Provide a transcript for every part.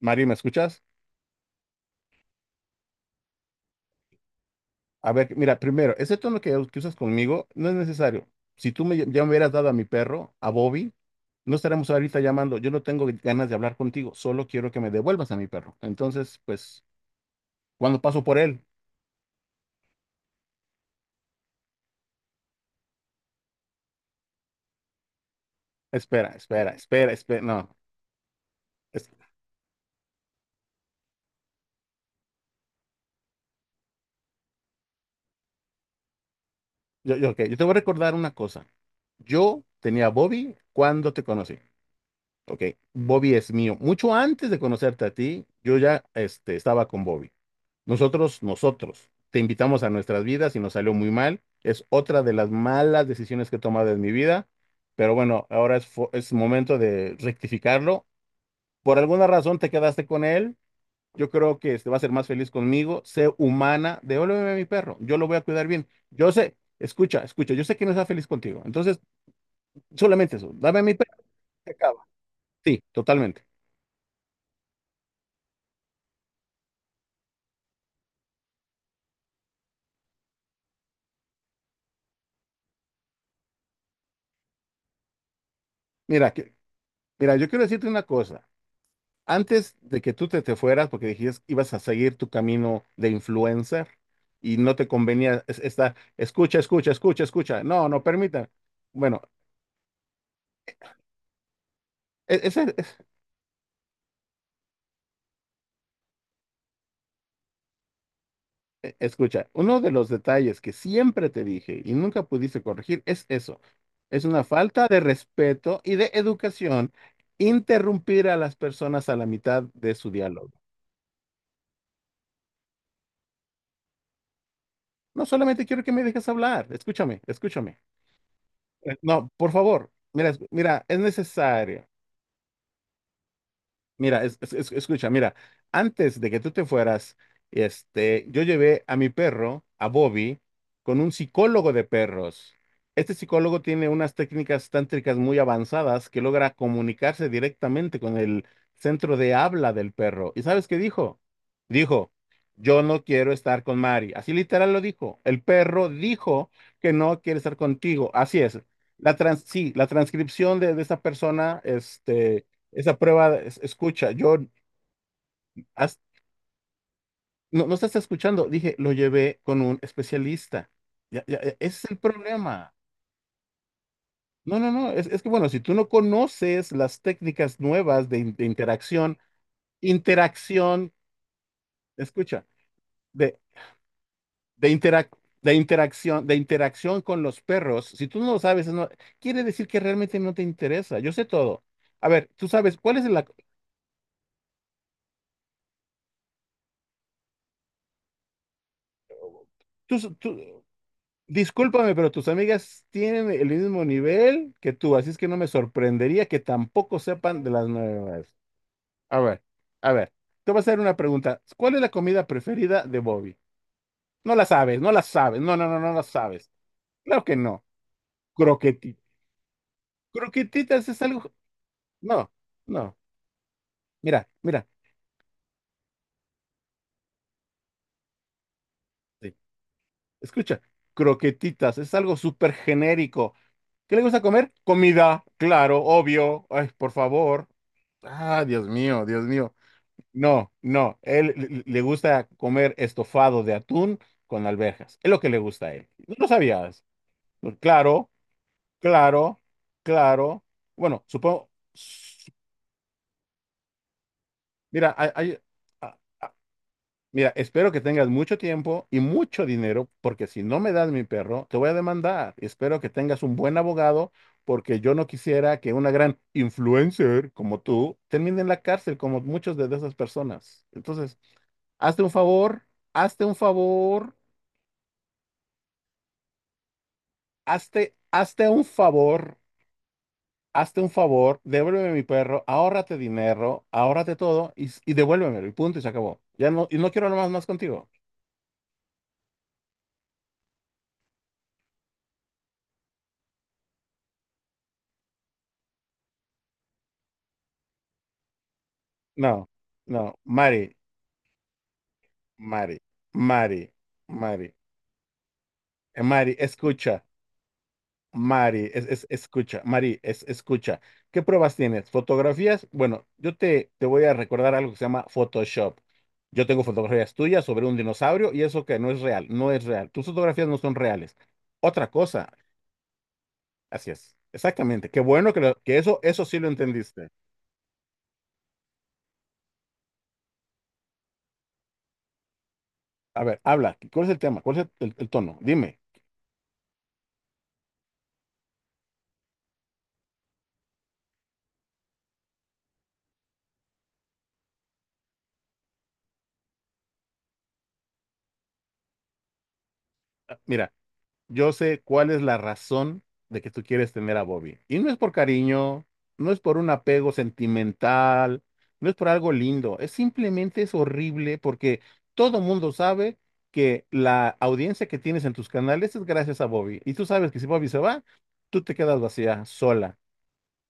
Mario, ¿me escuchas? A ver, mira, primero, ese tono que usas conmigo no es necesario. Si tú ya me hubieras dado a mi perro, a Bobby, no estaremos ahorita llamando. Yo no tengo ganas de hablar contigo, solo quiero que me devuelvas a mi perro. Entonces, pues, cuando paso por él, espera, espera, espera, espera. No, es- yo, ok, yo te voy a recordar una cosa. Yo tenía a Bobby cuando te conocí. Ok, Bobby es mío. Mucho antes de conocerte a ti, yo ya estaba con Bobby. Nosotros, te invitamos a nuestras vidas y nos salió muy mal. Es otra de las malas decisiones que he tomado en mi vida, pero bueno, ahora es momento de rectificarlo. Por alguna razón te quedaste con él. Yo creo que este va a ser más feliz conmigo. Sé humana, devuélveme a mi perro. Yo lo voy a cuidar bien. Yo sé, escucha, escucha, yo sé que no está feliz contigo. Entonces, solamente eso, dame a mi perro y se acaba. Sí, totalmente. Mira, que- mira, yo quiero decirte una cosa. Antes de que tú te fueras, porque dijiste ibas a seguir tu camino de influencer y no te convenía esta, escucha, escucha, escucha, escucha. No, no permita. Bueno, e- ese, es- escucha, uno de los detalles que siempre te dije y nunca pudiste corregir es eso. Es una falta de respeto y de educación interrumpir a las personas a la mitad de su diálogo. No solamente quiero que me dejes hablar, escúchame, escúchame. No, por favor, mira, es necesario. Mira, escucha, mira, antes de que tú te fueras, yo llevé a mi perro, a Bobby, con un psicólogo de perros. Este psicólogo tiene unas técnicas tántricas muy avanzadas que logra comunicarse directamente con el centro de habla del perro. ¿Y sabes qué dijo? Dijo, yo no quiero estar con Mari. Así literal lo dijo. El perro dijo que no quiere estar contigo. Así es. Sí, la transcripción de esa persona, esa prueba, escucha, has- no, no estás escuchando, dije, lo llevé con un especialista. Ya, ya, ese es el problema. No, no, no, es que bueno, si tú no conoces las técnicas nuevas de, interacción, interacción, escucha, de, de, interac- de interacción con los perros, si tú no lo sabes, no quiere decir que realmente no te interesa. Yo sé todo. A ver, tú sabes, ¿cuál es la? Tú, tú- Discúlpame, pero tus amigas tienen el mismo nivel que tú, así es que no me sorprendería que tampoco sepan de las nuevas. A ver, a ver, te voy a hacer una pregunta. ¿Cuál es la comida preferida de Bobby? No la sabes, no la sabes, no, no, no, no la sabes. Claro que no. Croquetitas. Croquetitas es algo. No, no. Mira, mira, sí, escucha, croquetitas es algo súper genérico. ¿Qué le gusta comer? Comida, claro, obvio. Ay, por favor. Ah, Dios mío, Dios mío. No, no, él le gusta comer estofado de atún con alberjas. Es lo que le gusta a él. ¿No lo sabías? Pues claro, claro, claro. Bueno, supongo. Mira, a- a- mira, espero que tengas mucho tiempo y mucho dinero, porque si no me das mi perro, te voy a demandar. Espero que tengas un buen abogado, porque yo no quisiera que una gran influencer como tú termine en la cárcel, como muchas de esas personas. Entonces. Hazte un favor, hazte un favor, hazte, hazte un favor, devuélveme mi perro, ahórrate dinero, ahórrate todo y devuélvemelo, y punto, y se acabó. Ya no, y no quiero hablar más, más contigo. No, no, Mari, Mari, Mari, Mari, Mari, escucha. Mari, escucha, Mari, escucha. ¿Qué pruebas tienes? ¿Fotografías? Bueno, yo te voy a recordar algo que se llama Photoshop. Yo tengo fotografías tuyas sobre un dinosaurio y eso que no es real, no es real. Tus fotografías no son reales. Otra cosa, así es, exactamente. Qué bueno que eso sí lo entendiste. A ver, habla, ¿cuál es el tema? ¿Cuál es el tono? Dime. Ah, mira, yo sé cuál es la razón de que tú quieres tener a Bobby. Y no es por cariño, no es por un apego sentimental, no es por algo lindo, es simplemente es horrible porque todo mundo sabe que la audiencia que tienes en tus canales es gracias a Bobby. Y tú sabes que si Bobby se va, tú te quedas vacía, sola.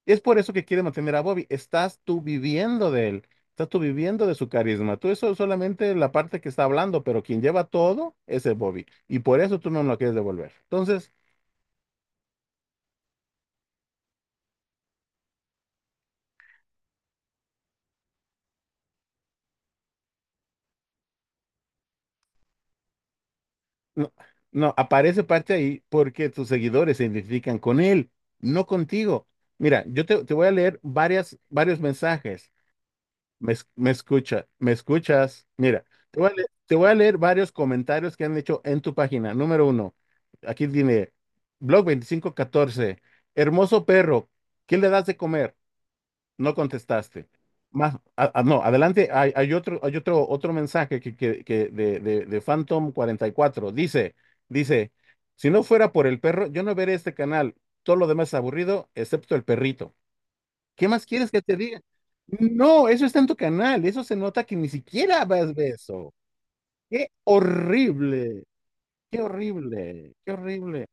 Es por eso que quiere mantener a Bobby. Estás tú viviendo de él. Estás tú viviendo de su carisma. Tú eso es solamente la parte que está hablando, pero quien lleva todo es el Bobby. Y por eso tú no lo quieres devolver. Entonces, no, no, aparece parte ahí porque tus seguidores se identifican con él, no contigo. Mira, yo te voy a leer varios mensajes. Me escuchas. Mira, te voy a leer varios comentarios que han hecho en tu página. Número uno, aquí tiene, Blog2514. Hermoso perro, ¿qué le das de comer? No contestaste. Más, no, adelante, otro mensaje que de Phantom44. Dice, si no fuera por el perro, yo no veré este canal. Todo lo demás es aburrido, excepto el perrito. ¿Qué más quieres que te diga? No, eso está en tu canal. Eso se nota que ni siquiera vas de eso. Qué horrible, qué horrible, qué horrible,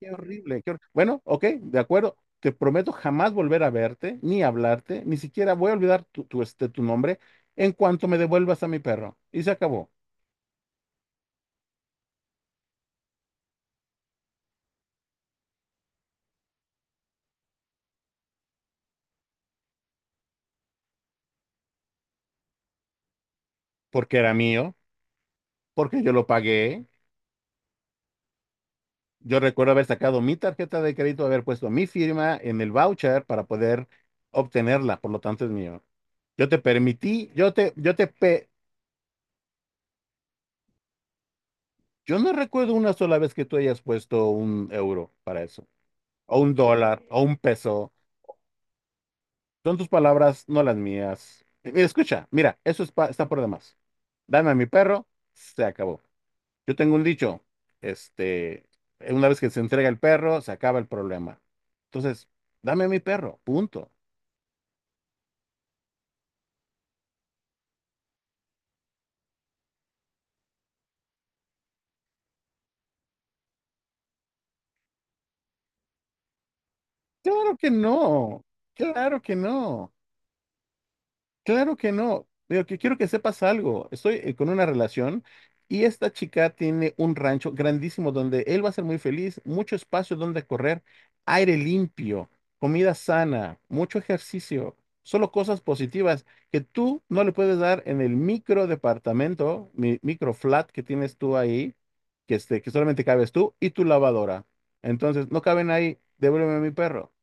qué horrible, bueno, ok, de acuerdo. Te prometo jamás volver a verte, ni hablarte, ni siquiera voy a olvidar tu nombre en cuanto me devuelvas a mi perro. Y se acabó. Porque era mío, porque yo lo pagué. Yo recuerdo haber sacado mi tarjeta de crédito, haber puesto mi firma en el voucher para poder obtenerla. Por lo tanto, es mío. Yo te permití, yo no recuerdo una sola vez que tú hayas puesto un euro para eso, o un dólar, o un peso. Son tus palabras, no las mías. Mira, escucha, mira, eso está por demás. Dame a mi perro, se acabó. Yo tengo un dicho, este, una vez que se entrega el perro, se acaba el problema. Entonces, dame a mi perro, punto. Claro que no, claro que no. Claro que no. Pero que quiero que sepas algo. Estoy con una relación y esta chica tiene un rancho grandísimo donde él va a ser muy feliz, mucho espacio donde correr, aire limpio, comida sana, mucho ejercicio, solo cosas positivas que tú no le puedes dar en el micro departamento, mi micro flat que tienes tú ahí, que solamente cabes tú y tu lavadora. Entonces, no caben ahí, devuélveme a mi perro.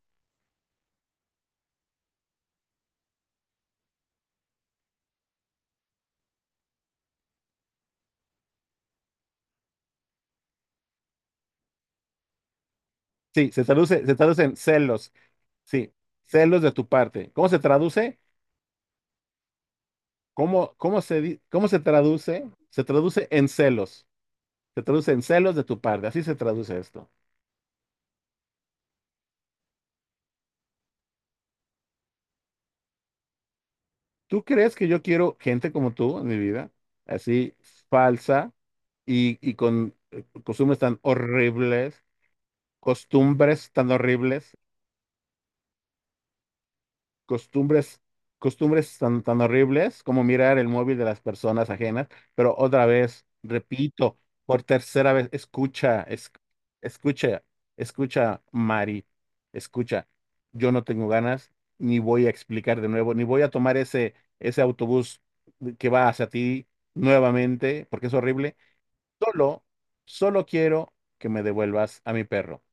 Sí, se traduce en celos. Sí, celos de tu parte. ¿Cómo se traduce? ¿Cómo se traduce? Se traduce en celos. Se traduce en celos de tu parte. Así se traduce esto. ¿Tú crees que yo quiero gente como tú en mi vida? Así falsa y con costumbres tan horribles, costumbres tan horribles. costumbres, costumbres tan horribles como mirar el móvil de las personas ajenas, pero otra vez, repito, por tercera vez, escucha, escucha, escucha, Mari, escucha, yo no tengo ganas, ni voy a explicar de nuevo, ni voy a tomar ese autobús que va hacia ti nuevamente, porque es horrible, solo, solo quiero que me devuelvas a mi perro.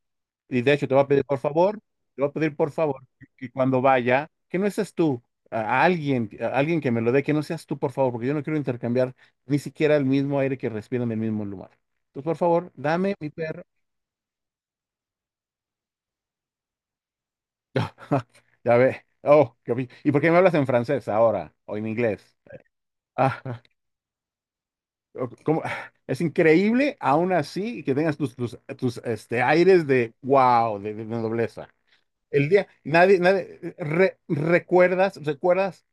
Y de hecho, te voy a pedir por favor, te voy a pedir por favor que cuando vaya, que no seas tú, a alguien que me lo dé, que no seas tú, por favor, porque yo no quiero intercambiar ni siquiera el mismo aire que respiro en el mismo lugar. Entonces, por favor, dame mi perro. Ya ve. Oh, ¿y por qué me hablas en francés ahora o en inglés? Ah, ok, ¿cómo? Es increíble, aún así, que tengas tus aires de wow, de nobleza. El día, nadie, re- recuerdas, recuerdas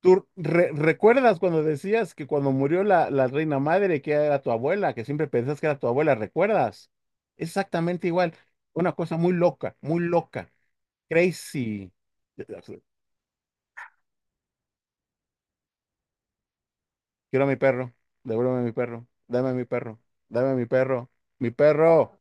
¿tú recuerdas cuando decías que cuando murió la reina madre, que era tu abuela, que siempre pensás que era tu abuela? ¿Recuerdas? Es exactamente igual. Una cosa muy loca, muy loca. Crazy. Quiero a mi perro. Devuélveme a mi perro. Dame a mi perro. Dame a mi perro. Mi perro.